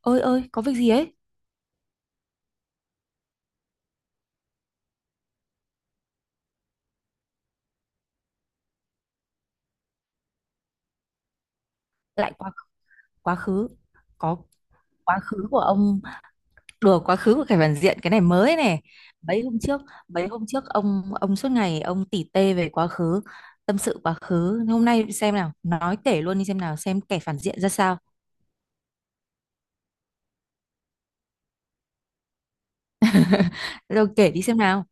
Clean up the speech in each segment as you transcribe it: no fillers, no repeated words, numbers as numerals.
Ơi ơi, có việc gì ấy? Lại quá quá khứ Có. Quá khứ của ông? Đùa, quá khứ của Khải Hoàn Diện, cái này mới này. Mấy hôm trước mấy hôm trước ông suốt ngày ông tỉ tê về quá khứ, tâm sự quá khứ. Hôm nay xem nào, nói kể luôn đi xem nào, xem kẻ phản diện ra sao. Rồi, kể đi xem nào.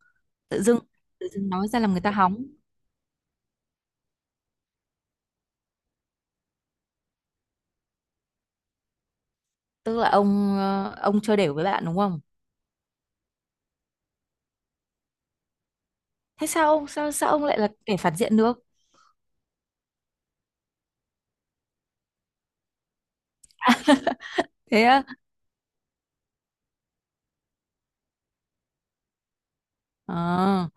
Tự dưng tự dưng nói ra làm người ta hóng. Tức là ông, ông chơi đều với bạn đúng không? Thế sao ông, sao sao ông lại là kẻ phản diện được? Thế á? Ờ.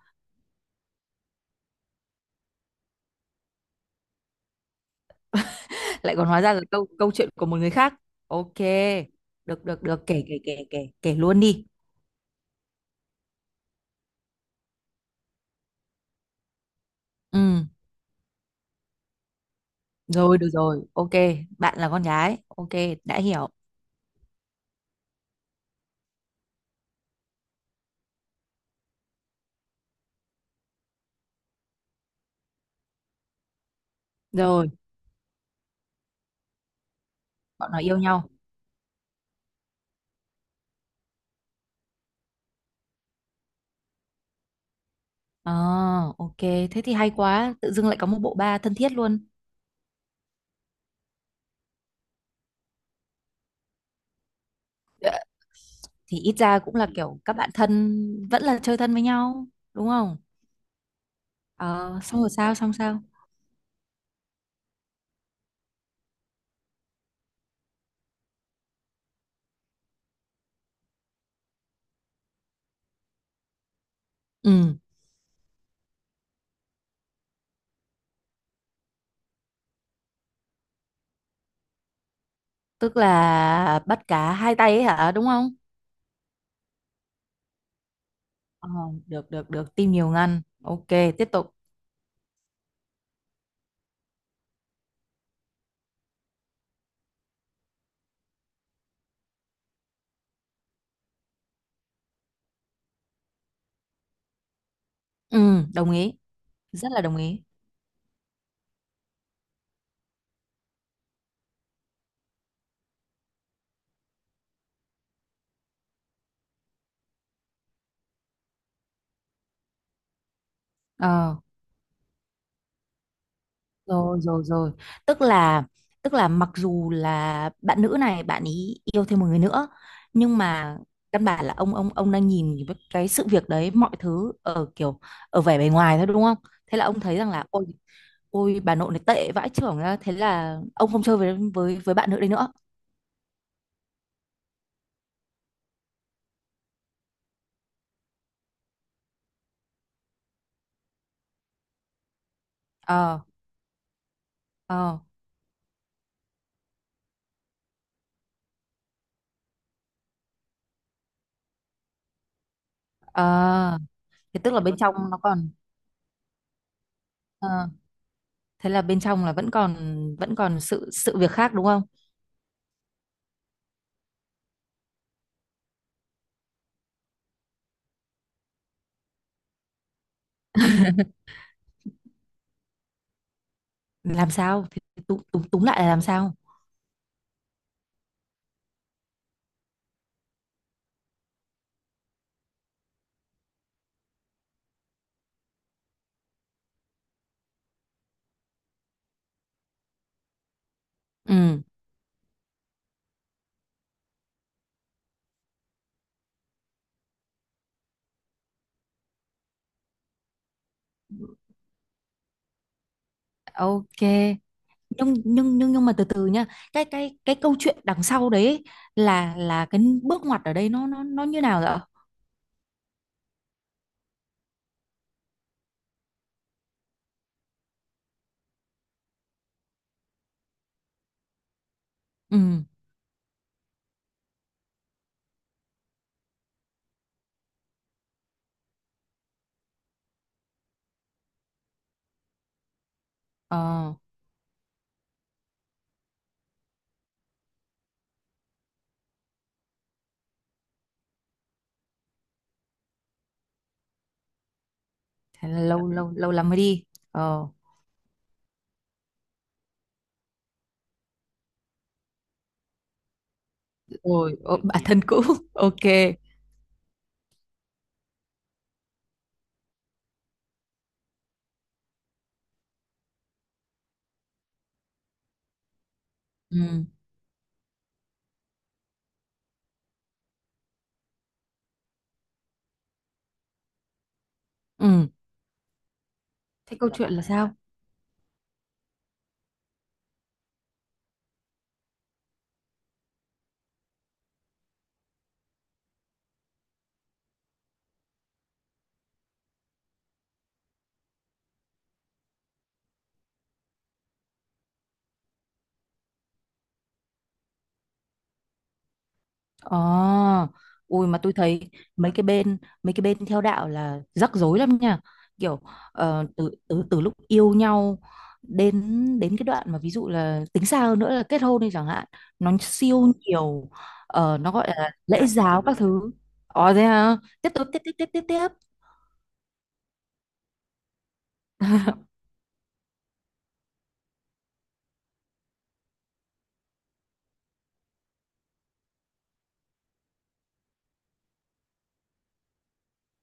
Lại còn hóa ra là câu câu chuyện của một người khác. Ok, được được được, kể kể kể kể kể luôn đi. Ừ. Rồi được rồi, ok. Bạn là con gái, ok. Đã hiểu. Rồi. Bọn nó yêu nhau. À, ok. Thế thì hay quá, tự dưng lại có một bộ ba thân thiết luôn. Thì ít ra cũng là kiểu các bạn thân, vẫn là chơi thân với nhau đúng không? Ờ xong rồi sao, xong sao? Ừ, tức là bắt cá hai tay ấy hả, đúng không? Ờ, được được được, tim nhiều ngăn, ok. Tiếp tục. Ừ, đồng ý. Rất là đồng ý. Ờ. Rồi, rồi, rồi. Tức là tức là mặc dù là bạn nữ này, bạn ý yêu thêm một người nữa, nhưng mà căn bản là ông đang nhìn cái sự việc đấy, mọi thứ ở kiểu, ở vẻ bề ngoài thôi đúng không? Thế là ông thấy rằng là, ôi, ôi bà nội này tệ vãi chưởng ra, thế là ông không chơi với bạn nữ đấy nữa. Ờ, ờ, ờ. Thế tức là bên trong nó còn, ờ, thế là bên trong là vẫn còn, sự sự việc khác đúng không? Làm sao thì, tú- túm túm lại là làm sao? Ừ. Ok. Nhưng mà từ từ nhá, cái câu chuyện đằng sau đấy ấy, là cái bước ngoặt ở đây, nó như nào vậy ạ? Ừ. Ờ. Thế là lâu lâu lâu lắm mới đi. Ờ. Rồi, bản thân cũ. Ok. Ừ, ừ. Thế câu chuyện là sao? Ờ, ui mà tôi thấy, mấy cái bên mấy cái bên theo đạo là rắc rối lắm nha. Kiểu, từ từ từ lúc yêu nhau, đến đến cái đoạn mà ví dụ là tính xa hơn nữa là kết hôn đi chẳng hạn, nó siêu nhiều. Nó gọi là lễ giáo các thứ. Ờ thế hả? Tiếp tục, tiếp, tiếp, tiếp, tiếp, tiếp.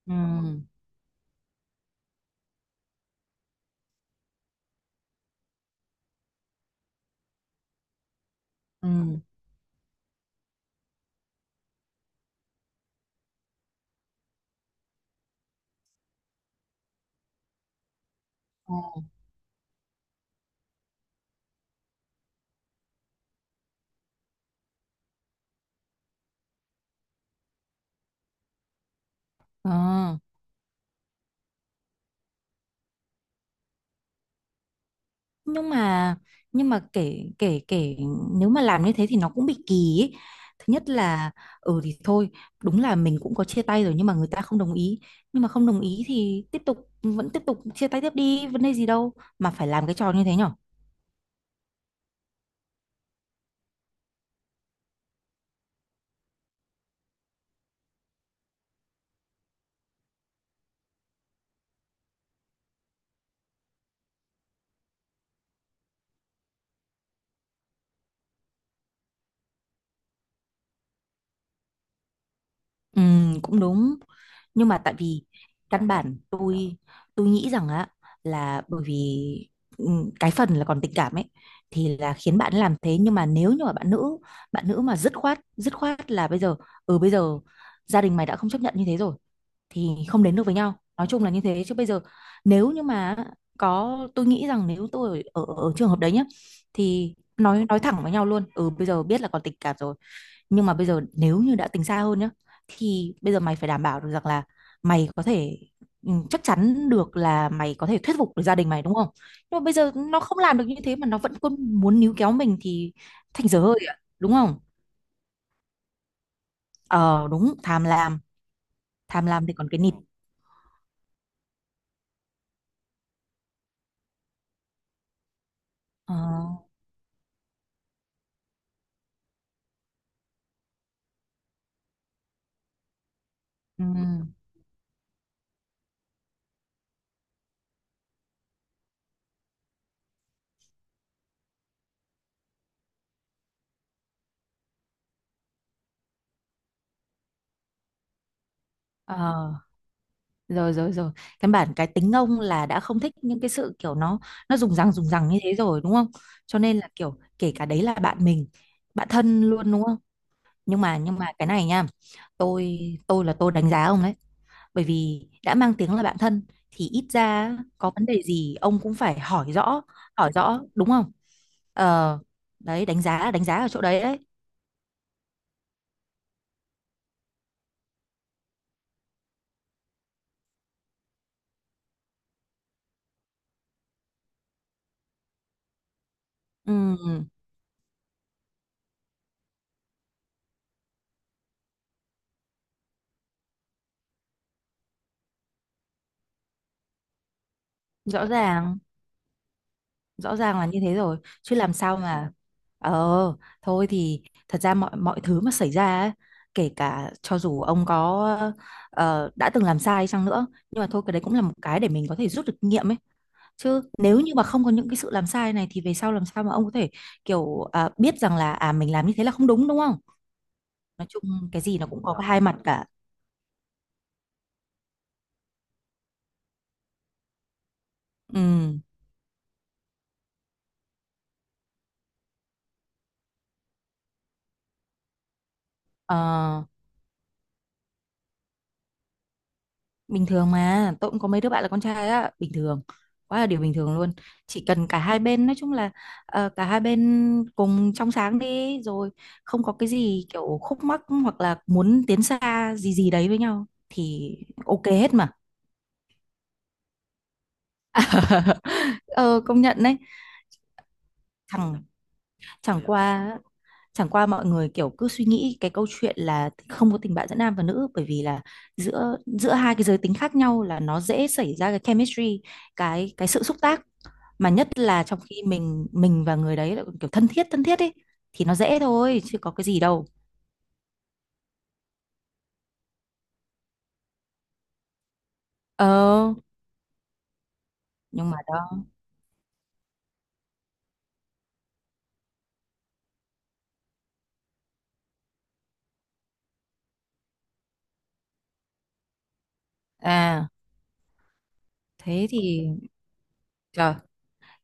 Ừ. Ừ. Ờ. Ờ. nhưng mà nhưng mà kể, kể, kể. Nếu mà làm như thế thì nó cũng bị kỳ ấy. Thứ nhất là, ừ thì thôi, đúng là mình cũng có chia tay rồi nhưng mà người ta không đồng ý. Nhưng mà không đồng ý thì tiếp tục, vẫn tiếp tục chia tay tiếp đi, vấn đề gì đâu mà phải làm cái trò như thế nhở. Ừ, cũng đúng. Nhưng mà tại vì căn bản tôi nghĩ rằng á, là bởi vì, ừ, cái phần là còn tình cảm ấy, thì là khiến bạn làm thế. Nhưng mà nếu như mà bạn nữ mà dứt khoát, dứt khoát là bây giờ, ừ bây giờ gia đình mày đã không chấp nhận như thế rồi thì không đến được với nhau. Nói chung là như thế. Chứ bây giờ nếu như mà có, tôi nghĩ rằng nếu tôi ở ở, ở trường hợp đấy nhá, thì nói thẳng với nhau luôn. Ừ bây giờ biết là còn tình cảm rồi, nhưng mà bây giờ nếu như đã tính xa hơn nhá, thì bây giờ mày phải đảm bảo được rằng là mày có thể, chắc chắn được là mày có thể thuyết phục được gia đình mày đúng không? Nhưng mà bây giờ nó không làm được như thế mà nó vẫn cứ muốn níu kéo mình thì thành dở hơi ạ, đúng không? Ờ đúng, tham lam. Tham lam thì còn cái nịt. Ờ. Ừ, ờ. Rồi, rồi, rồi. Căn bản cái tính ông là đã không thích những cái sự kiểu, nó dùng răng như thế rồi đúng không? Cho nên là kiểu, kể cả đấy là bạn mình, bạn thân luôn đúng không? Nhưng mà cái này nha, tôi tôi là tôi đánh giá ông đấy. Bởi vì đã mang tiếng là bạn thân thì ít ra, có vấn đề gì ông cũng phải hỏi rõ, hỏi rõ đúng không? Ờ, đấy đánh giá, ở chỗ đấy đấy. ừ, Rõ ràng, rõ ràng là như thế rồi. Chứ làm sao mà. Ờ thôi thì, thật ra mọi mọi thứ mà xảy ra ấy, kể cả cho dù ông có, đã từng làm sai chăng nữa, nhưng mà thôi, cái đấy cũng là một cái để mình có thể rút được kinh nghiệm ấy. Chứ nếu như mà không có những cái sự làm sai này thì về sau làm sao mà ông có thể kiểu, biết rằng là mình làm như thế là không đúng, đúng không? Nói chung, cái gì nó cũng có cái hai mặt cả. Ừ. Ờ, bình thường mà, tôi cũng có mấy đứa bạn là con trai á, bình thường, quá là điều bình thường luôn. Chỉ cần cả hai bên, nói chung là, cả hai bên cùng trong sáng đi rồi, không có cái gì kiểu khúc mắc hoặc là muốn tiến xa gì gì đấy với nhau thì ok hết mà. Ờ công nhận đấy. Chẳng, chẳng qua chẳng qua mọi người kiểu cứ suy nghĩ cái câu chuyện là không có tình bạn giữa nam và nữ, bởi vì là giữa giữa hai cái giới tính khác nhau là nó dễ xảy ra cái chemistry, cái sự xúc tác, mà nhất là trong khi mình và người đấy là kiểu thân thiết, thân thiết ấy, thì nó dễ thôi chứ có cái gì đâu. Ờ nhưng mà đó. À thế thì, trời,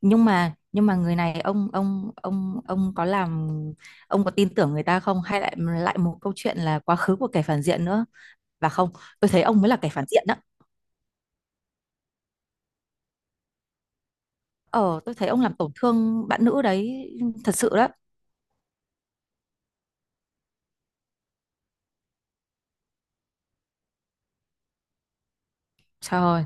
nhưng mà người này ông có làm, ông có tin tưởng người ta không, hay lại lại một câu chuyện là quá khứ của kẻ phản diện nữa, và không? Tôi thấy ông mới là kẻ phản diện đó. Ờ, tôi thấy ông làm tổn thương bạn nữ đấy, thật sự đó. Trời ơi,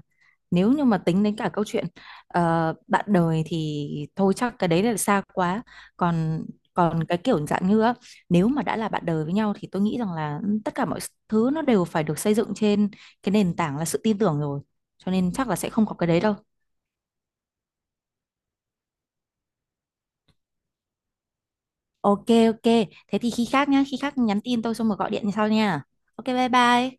nếu như mà tính đến cả câu chuyện, bạn đời thì thôi chắc cái đấy là xa quá. Còn còn cái kiểu dạng như á, nếu mà đã là bạn đời với nhau thì tôi nghĩ rằng là, tất cả mọi thứ nó đều phải được xây dựng trên cái nền tảng là sự tin tưởng rồi, cho nên chắc là sẽ không có cái đấy đâu. Ok, ok. Thế thì khi khác nhá, khi khác nhắn tin tôi xong rồi gọi điện sau nha. Ok bye bye.